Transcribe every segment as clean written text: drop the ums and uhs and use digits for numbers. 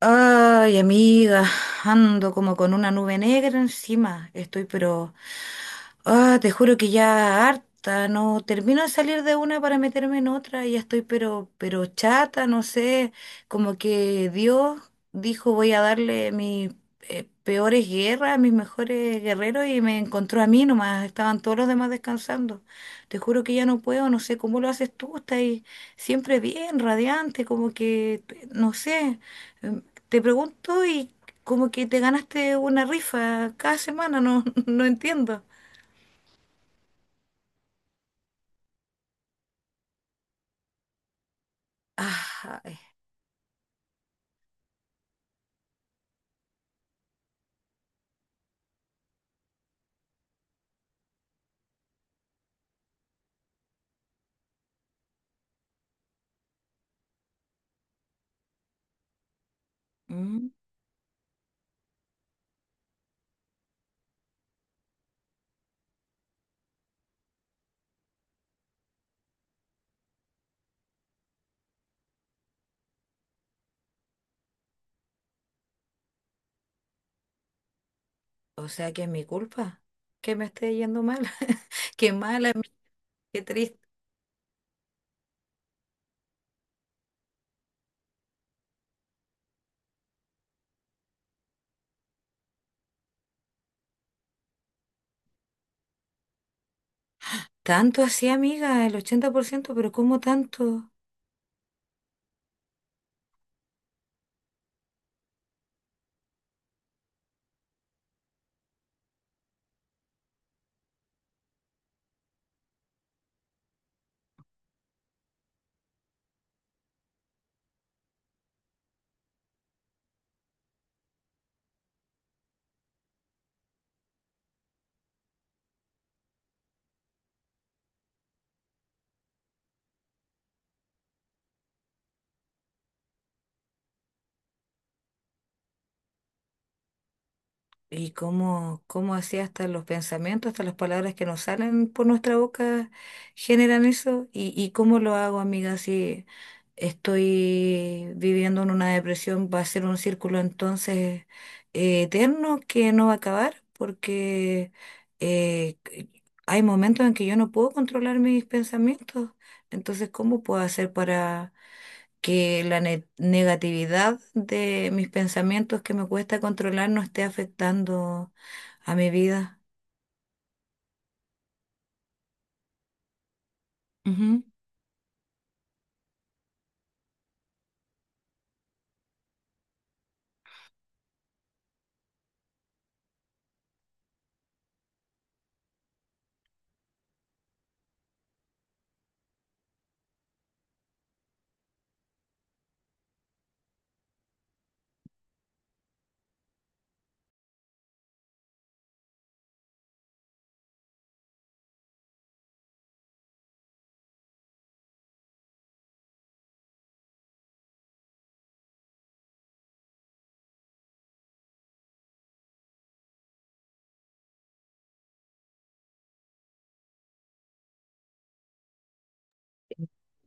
Ay, amiga, ando como con una nube negra encima. Estoy pero te juro que ya harta, no termino de salir de una para meterme en otra, ya estoy pero chata, no sé, como que Dios dijo voy a darle mis peores guerras a mis mejores guerreros y me encontró a mí nomás, estaban todos los demás descansando. Te juro que ya no puedo, no sé cómo lo haces tú, estás ahí siempre bien, radiante, como que, no sé, em, te pregunto y como que te ganaste una rifa cada semana, no, no entiendo. Ay, mm, o sea que es mi culpa que me esté yendo mal. Qué mala, qué triste. Tanto así, amiga, el 80%, pero ¿cómo tanto? Y cómo, cómo así hasta los pensamientos, hasta las palabras que nos salen por nuestra boca generan eso. Y cómo lo hago, amiga, si estoy viviendo en una depresión, va a ser un círculo entonces eterno que no va a acabar, porque eh, c- hay momentos en que yo no puedo controlar mis pensamientos. Entonces, ¿cómo puedo hacer que la negatividad de mis pensamientos que me cuesta controlar no esté afectando a mi vida? Ujú.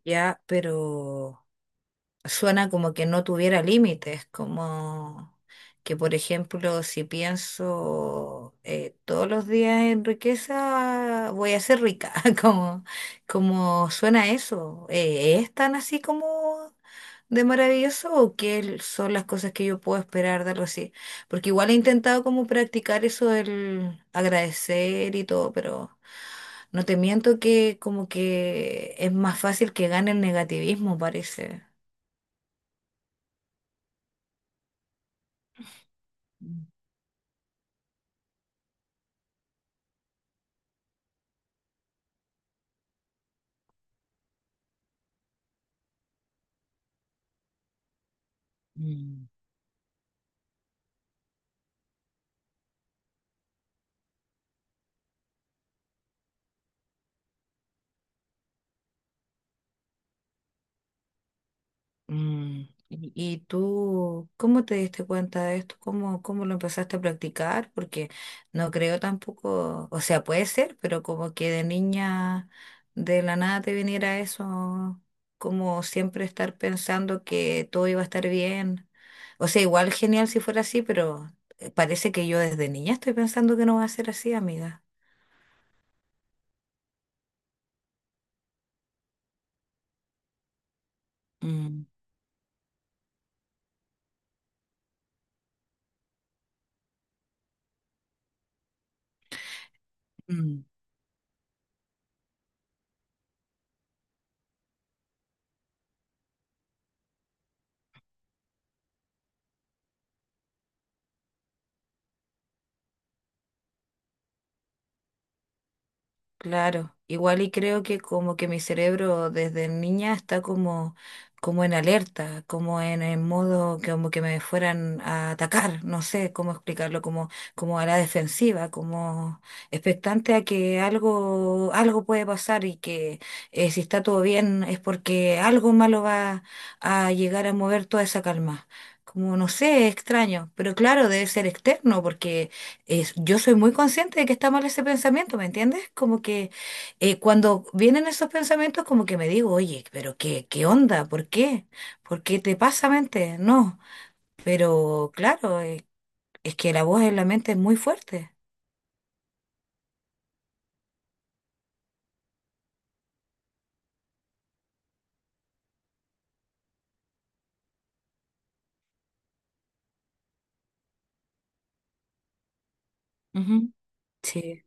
Ya, pero suena como que no tuviera límites, como que, por ejemplo, si pienso todos los días en riqueza, voy a ser rica, como, como suena eso. ¿Es tan así como de maravilloso o qué son las cosas que yo puedo esperar de algo así? Porque igual he intentado como practicar eso del agradecer y todo, pero no te miento que como que es más fácil que gane el negativismo, parece. Mm. Mm, ¿y y tú cómo te diste cuenta de esto? ¿Cómo, cómo lo empezaste a practicar? Porque no creo tampoco, o sea, puede ser, pero como que de niña de la nada te viniera eso, como siempre estar pensando que todo iba a estar bien. O sea, igual genial si fuera así, pero parece que yo desde niña estoy pensando que no va a ser así, amiga. Mm, mm. Claro, igual y creo que como que mi cerebro desde niña está como, como en alerta, como en el modo que como que me fueran a atacar, no sé cómo explicarlo, como, como a la defensiva, como expectante a que algo, algo puede pasar y que si está todo bien es porque algo malo va a llegar a mover toda esa calma. Como no sé, es extraño, pero claro, debe ser externo porque yo soy muy consciente de que está mal ese pensamiento, ¿me entiendes? Como que cuando vienen esos pensamientos, como que me digo, oye, pero qué, qué onda, ¿por qué? ¿Por qué te pasa, mente? No, pero claro, es que la voz en la mente es muy fuerte. Ujú. Sí.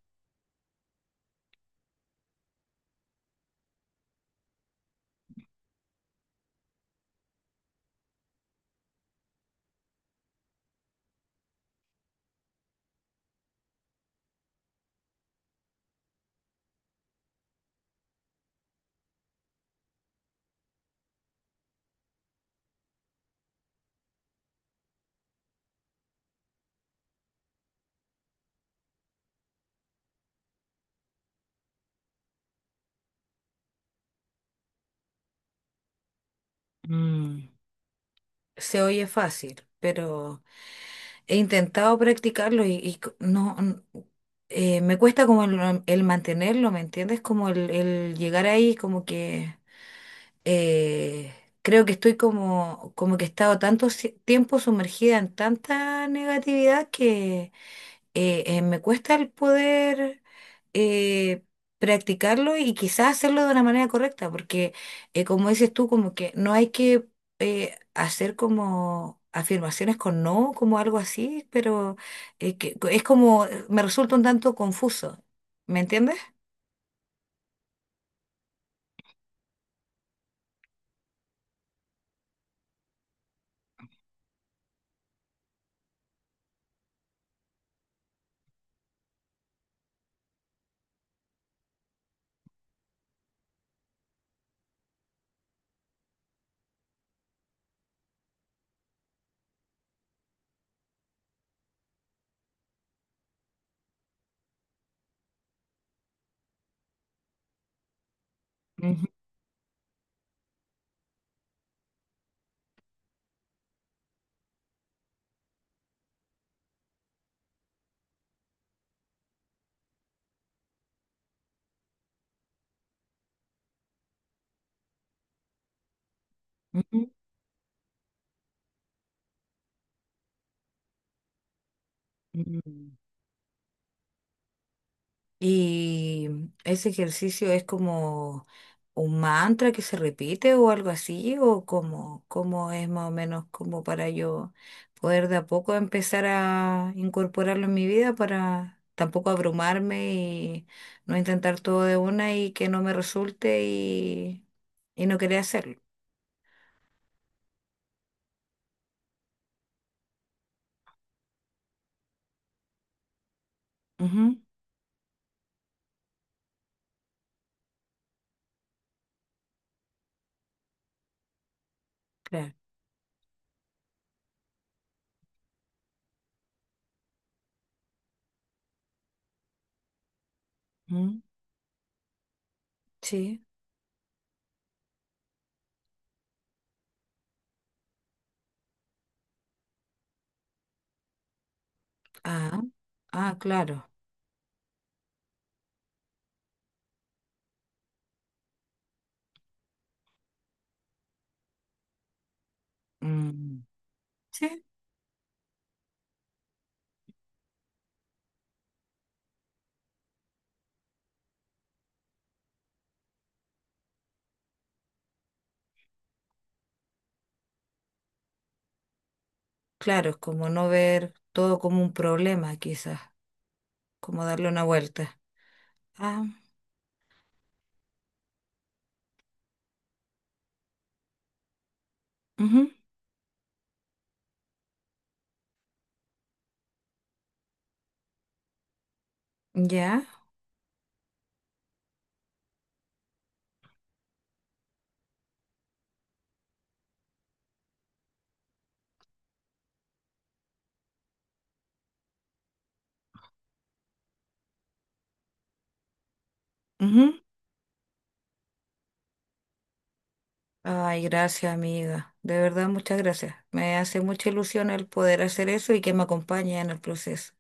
Mm, se oye fácil, pero he intentado practicarlo y c- no, n- me cuesta como el mantenerlo, ¿me entiendes? Como el llegar ahí, como que eh, creo que estoy como, como que he estado tanto tiempo sumergida en tanta negatividad que me cuesta el poder eh, practicarlo y quizás hacerlo de una manera correcta, porque como dices tú, como que no hay que hacer como afirmaciones con no, como algo así, pero que, es como, me resulta un tanto confuso, ¿me entiendes? Ujú, ujú, ujú. Y ese ejercicio es como un mantra que se repite o algo así, o como, como es más o menos como para yo poder de a poco empezar a incorporarlo en mi vida para tampoco abrumarme y no intentar todo de una y que no me resulte y no querer hacerlo. Ujú, claro. Ujú, sí. Ah, ah, claro. Mm, sí. Claro, es como no ver todo como un problema, quizás. Como darle una vuelta. Ah, ujú, ya, ujú. Ay, gracias, amiga. De verdad, muchas gracias. Me hace mucha ilusión el poder hacer eso y que me acompañe en el proceso.